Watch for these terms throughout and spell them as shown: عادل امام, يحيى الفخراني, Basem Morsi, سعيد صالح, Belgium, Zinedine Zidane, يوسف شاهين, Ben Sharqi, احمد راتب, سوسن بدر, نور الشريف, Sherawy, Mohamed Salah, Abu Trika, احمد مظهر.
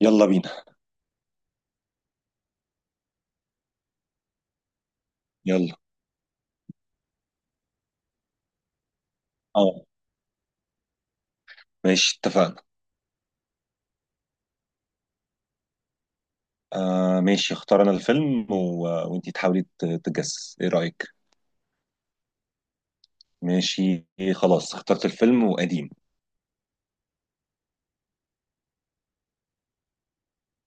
يلا بينا. يلا. اه، ماشي اتفقنا. آه ماشي، اختار انا الفيلم و وانتي تحاولي تجس، ايه رأيك؟ ماشي. خلاص اخترت الفيلم وقديم.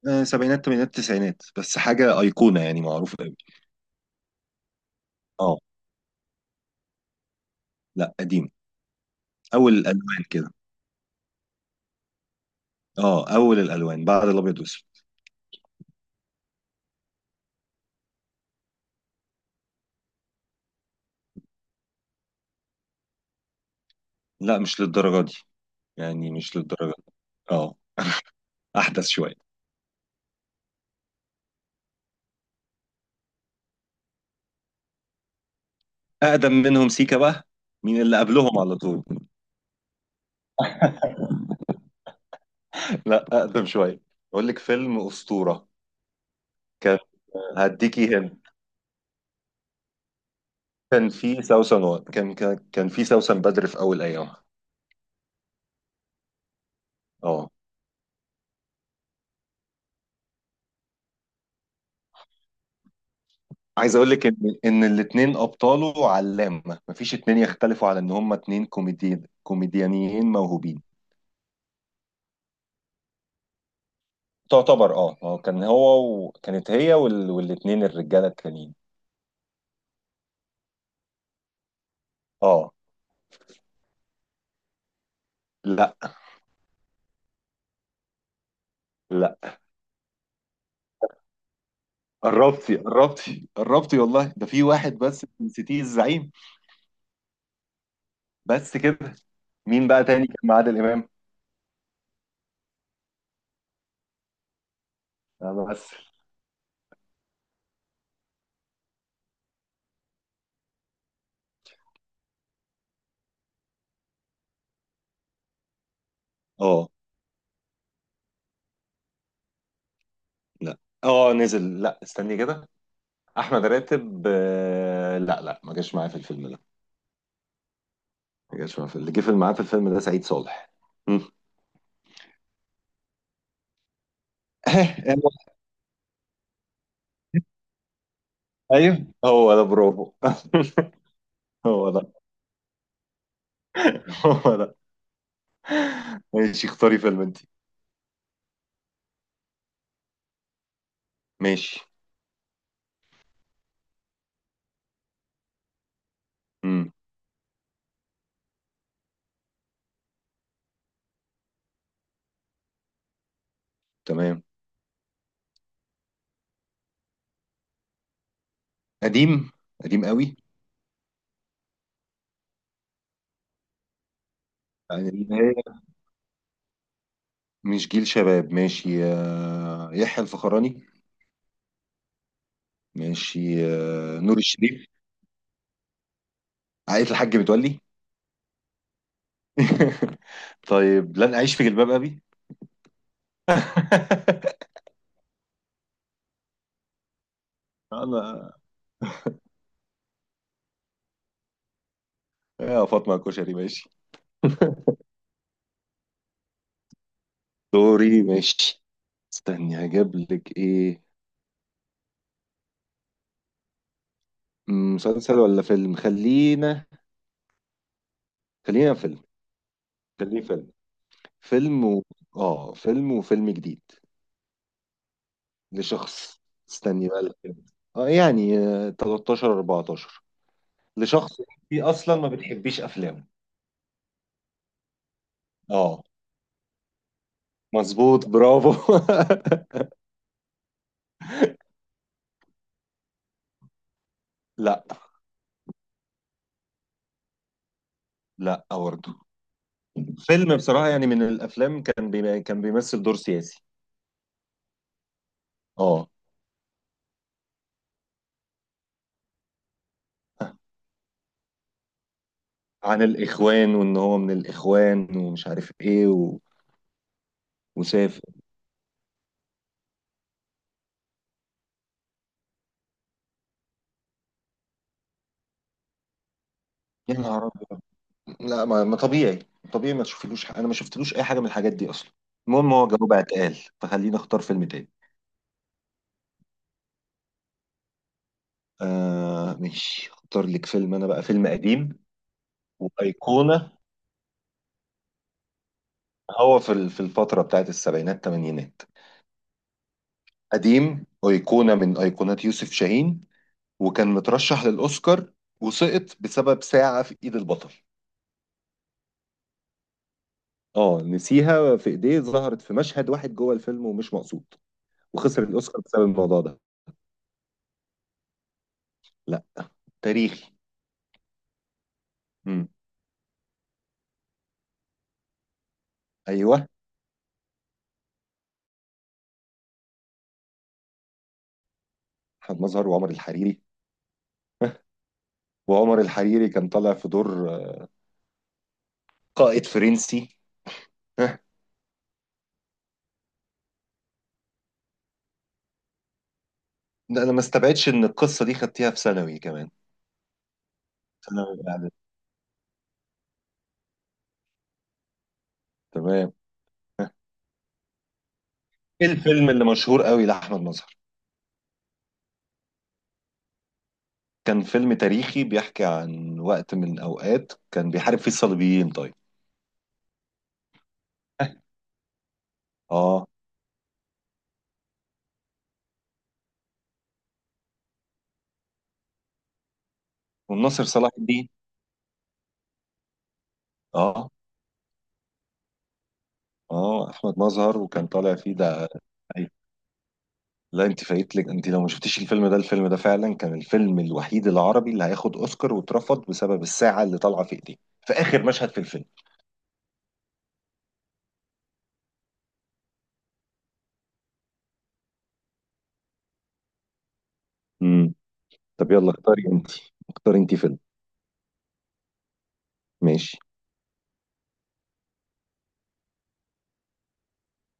آه سبعينات تمانينات تسعينات، بس حاجة أيقونة يعني معروفة قوي. اه، لا قديم. أول الألوان كده. اه، أول الألوان بعد الأبيض والأسود. لا مش للدرجة دي، يعني مش للدرجة دي. اه، أحدث شوية. أقدم منهم سيكا بقى، مين اللي قبلهم على طول. لا، أقدم شوية. أقول لك فيلم أسطورة كان. هديكي هنا. كان في سوسن و كان في سوسن بدر في اول ايامها. اه، عايز اقول لك ان الاثنين ابطاله علامه، مفيش اتنين يختلفوا على ان هما اتنين كوميدي كوميديانيين موهوبين. تعتبر، اه، هو كان هو وكانت هي وال والاثنين الرجاله التانيين. اه. لا، لا. قربتي، والله ده في واحد بس نسيتيه، الزعيم. بس كده. مين بقى تاني كان معاه عادل امام؟ انا بس. اه. لا، اه نزل، لا استني كده، احمد راتب، لا لا، ما جاش معايا في الفيلم ده. ما جاش معايا في اللي جه في معاه في الفيلم ده، سعيد صالح. مم. ايوه هو ده، برافو. هو ده. هو ده. ماشي اختاري فيلم انت. ماشي. امم تمام. قديم. قديم قوي. يعني اللي هي، مش جيل شباب، ماشي. يحيى الفخراني. ماشي. نور الشريف. عائلة الحاج متولي. طيب، لن أعيش في جلباب أبي. انا. يا فاطمه الكشري ماشي. دوري ماشي. استني هجيب لك ايه. مسلسل ولا فيلم؟ خلينا، خلينا فيلم. خليه فيلم. فيلم و اه فيلم، وفيلم جديد لشخص. استني بقى الفيلم. اه يعني 13 14 لشخص. انت اصلا ما بتحبيش افلامه. اه مظبوط، برافو. لا. لا برضه. فيلم بصراحة يعني من الافلام، كان كان بيمثل دور سياسي. اه، عن الاخوان وان هو من الاخوان ومش عارف ايه. وسافر. يا نهار ابيض. لا، ما طبيعي. طبيعي ما تشوفلوش، انا ما شفتلوش اي حاجه من الحاجات دي اصلا. المهم هو جوابها اتقال، فخليني اختار فيلم تاني. آه ماشي، اختار لك فيلم انا بقى، فيلم قديم وايقونه. هو في في الفتره بتاعت السبعينات الثمانينات. قديم، ايقونه من ايقونات يوسف شاهين. وكان مترشح للاوسكار، وسقط بسبب ساعه في ايد البطل. اه، نسيها في ايديه، ظهرت في مشهد واحد جوه الفيلم، ومش مقصود. وخسر الاوسكار بسبب الموضوع ده. لا، تاريخي. امم ايوه، احمد مظهر وعمر الحريري. وعمر الحريري كان طالع في دور قائد فرنسي. ها، ده انا ما استبعدش ان القصه دي خدتيها في ثانوي كمان. ثانوي إعدادي. تمام. ايه الفيلم اللي مشهور قوي لاحمد مظهر؟ كان فيلم تاريخي بيحكي عن وقت من الاوقات كان بيحارب فيه الصليبيين، طيب. اه، والناصر صلاح الدين. اه. اه، احمد مظهر، وكان طالع فيه ده. لا انت فايتلك، انت لو ما شفتيش الفيلم ده، الفيلم ده فعلا كان الفيلم الوحيد العربي اللي هياخد اوسكار واترفض، بسبب الساعة اللي طالعة في ايديه في اخر مشهد في الفيلم. امم طب يلا اختاري انت. اختاري انت فيلم. ماشي.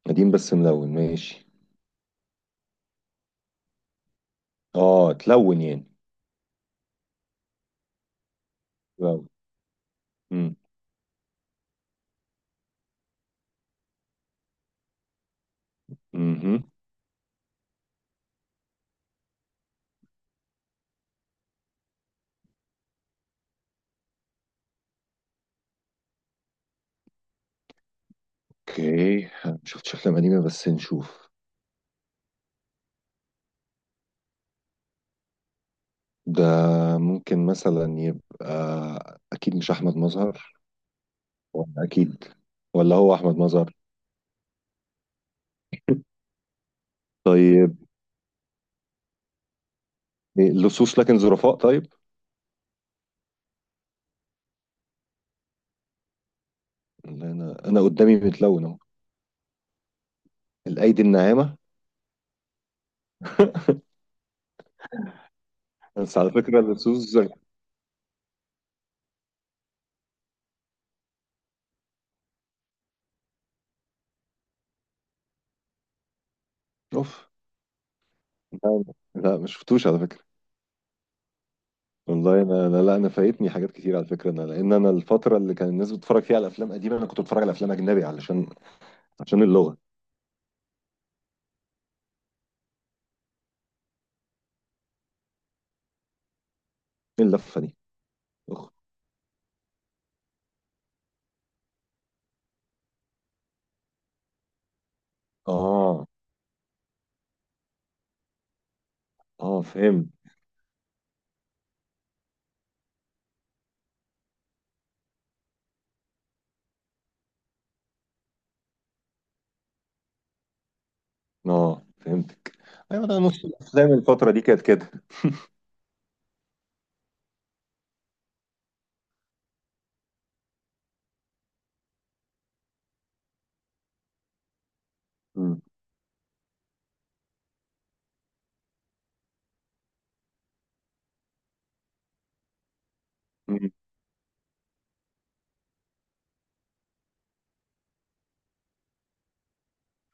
قديم بس ملون، ماشي. اه تلون يعني. تلون. امم امم اوكي، أنا ما شفتش افلام قديمة، بس نشوف. ده ممكن مثلا يبقى، اكيد مش احمد مظهر. ولا اكيد. ولا هو احمد مظهر. طيب. لصوص لكن ظرفاء، طيب. اللي انا، انا قدامي متلون اهو. الايدي الناعمه. بس على فكره اللصوص. اوف. لا. لا ما شفتوش على فكره. والله انا، لا انا فايتني حاجات كتير على فكره، انا لان انا الفتره اللي كان الناس بتتفرج فيها على افلام قديمه انا كنت بتفرج على افلام اجنبي علشان، عشان اللغه. ايه اللفه دي؟ أخ. اه. اه فهمت. اه فهمتك. ايوه انا نص الافلام الفتره دي كانت كده. مم. مم.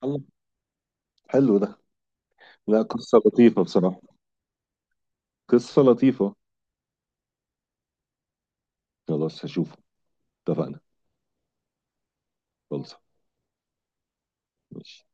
الله، حلو ده. لا قصه لطيفه بصراحه. قصه لطيفه. خلاص هشوفه. اتفقنا. خلص. ماشي.